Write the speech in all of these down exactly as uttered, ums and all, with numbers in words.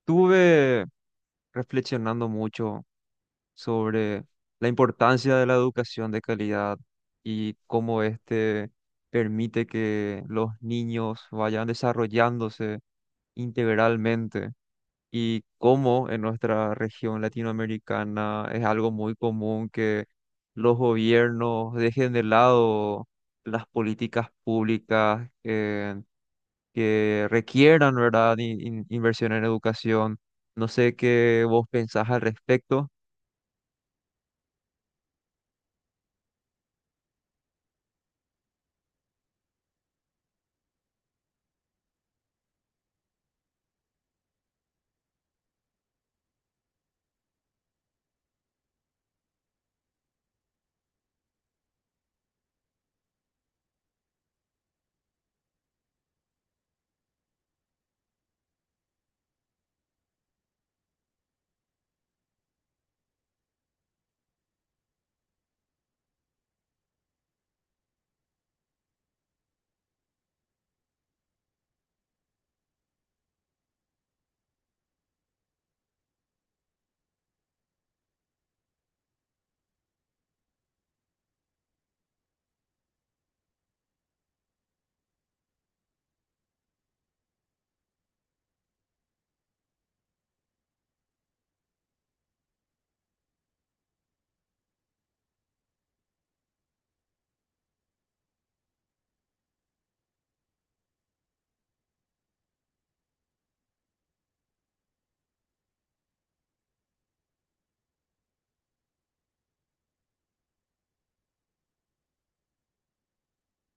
Estuve reflexionando mucho sobre la importancia de la educación de calidad y cómo este permite que los niños vayan desarrollándose integralmente y cómo en nuestra región latinoamericana es algo muy común que los gobiernos dejen de lado las políticas públicas, eh, que requieran, ¿verdad? in- in- inversión en educación. No sé qué vos pensás al respecto.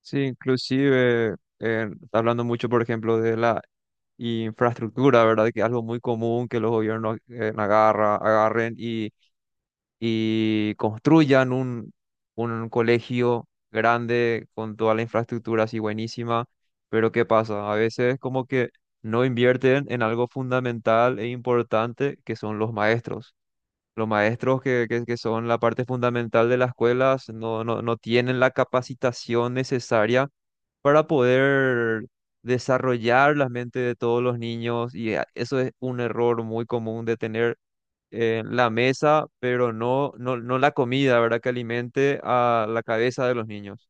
Sí, inclusive, eh, hablando mucho, por ejemplo, de la infraestructura, ¿verdad? Que es algo muy común que los gobiernos eh, agarra, agarren y, y construyan un, un colegio grande con toda la infraestructura así buenísima, pero ¿qué pasa? A veces como que no invierten en algo fundamental e importante que son los maestros. Los maestros que, que- que son la parte fundamental de las escuelas no, no, no tienen la capacitación necesaria para poder desarrollar la mente de todos los niños y eh, eso es un error muy común de tener eh, la mesa, pero no, no, no la comida, ¿verdad? Que alimente a la cabeza de los niños.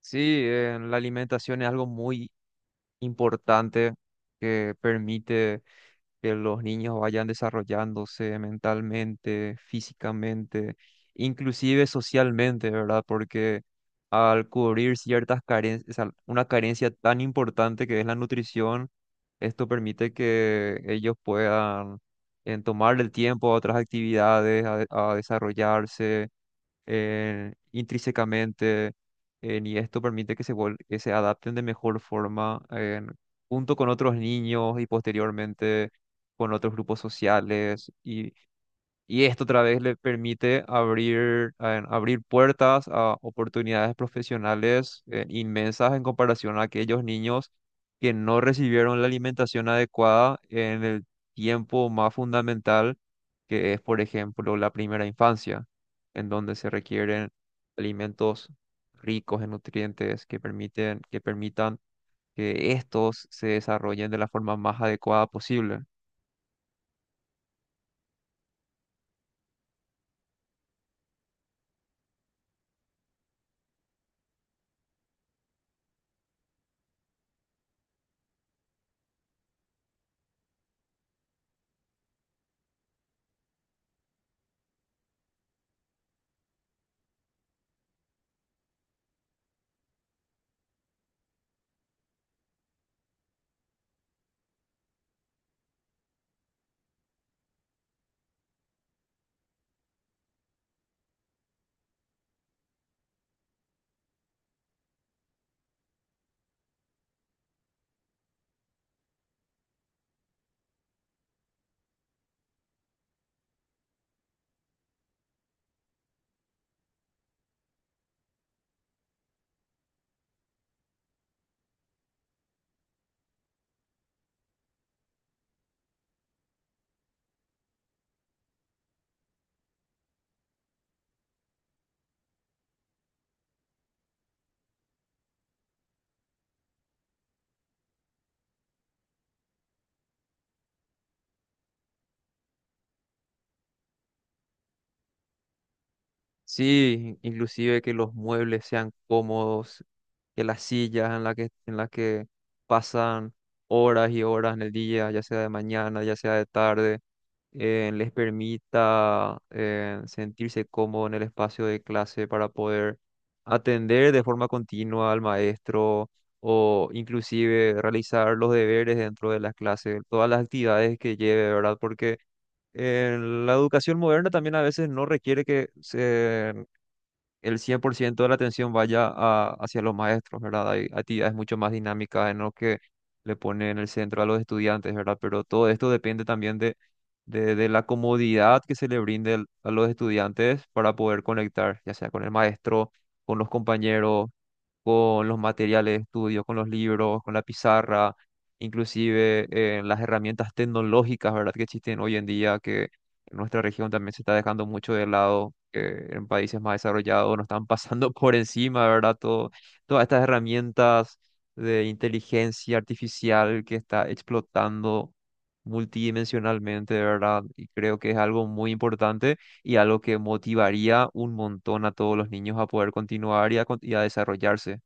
Sí, eh, la alimentación es algo muy importante que permite que los niños vayan desarrollándose mentalmente, físicamente, inclusive socialmente, ¿verdad? Porque al cubrir ciertas carencias, una carencia tan importante que es la nutrición, esto permite que ellos puedan eh, tomar el tiempo a otras actividades, a, a desarrollarse eh, intrínsecamente eh, y esto permite que se, vol- que se adapten de mejor forma eh, junto con otros niños y posteriormente con otros grupos sociales y esto otra vez le permite abrir, eh, abrir puertas a oportunidades profesionales eh, inmensas en comparación a aquellos niños que no recibieron la alimentación adecuada en el tiempo más fundamental, que es, por ejemplo, la primera infancia, en donde se requieren alimentos ricos en nutrientes que permiten, que permitan que estos se desarrollen de la forma más adecuada posible. Sí, inclusive que los muebles sean cómodos, que las sillas en las que, en las que pasan horas y horas en el día, ya sea de mañana, ya sea de tarde, eh, les permita eh, sentirse cómodo en el espacio de clase para poder atender de forma continua al maestro o inclusive realizar los deberes dentro de las clases, todas las actividades que lleve, ¿verdad? Porque eh, la educación moderna también a veces no requiere que se el cien por ciento de la atención vaya a- hacia los maestros, ¿verdad? Hay actividades mucho más dinámicas en lo que le pone en el centro a los estudiantes, ¿verdad? Pero todo esto depende también de, de, de la comodidad que se le brinde al- a los estudiantes para poder conectar, ya sea con el maestro, con los compañeros, con los materiales de estudio, con los libros, con la pizarra, inclusive eh, las herramientas tecnológicas, ¿verdad? Que existen hoy en día, en nuestra región también se está dejando mucho de lado, que en países más desarrollados nos están pasando por encima, ¿verdad? Todo, todas estas herramientas de inteligencia artificial que está explotando multidimensionalmente, ¿verdad? Y creo que es algo muy importante y algo que motivaría un montón a todos los niños a poder continuar y a, con- y a desarrollarse.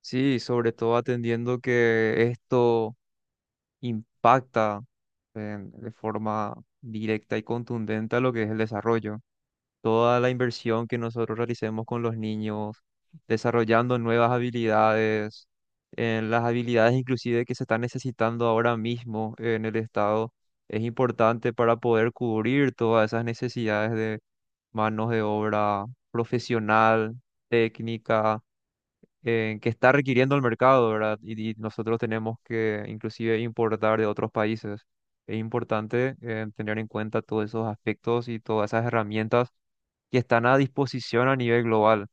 Sí, sobre todo atendiendo que esto impacta en- de forma directa y contundente a lo que es el desarrollo. Toda la inversión que nosotros realicemos con los niños, desarrollando nuevas habilidades, en las habilidades inclusive que se están necesitando ahora mismo en el Estado, es importante para poder cubrir todas esas necesidades de manos de obra profesional, técnica eh, que está requiriendo el mercado, ¿verdad? Y, y nosotros tenemos que inclusive importar de otros países. Es importante eh, tener en cuenta todos esos aspectos y todas esas herramientas que están a disposición a nivel global.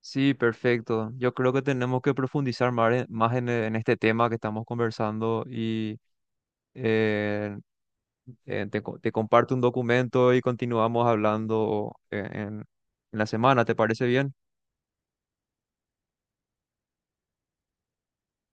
Sí, perfecto. Yo creo que tenemos que profundizar más en, más en, en este tema que estamos conversando y eh, eh, te, co- te comparto un documento y continuamos hablando eh, en en la semana. ¿Te parece bien?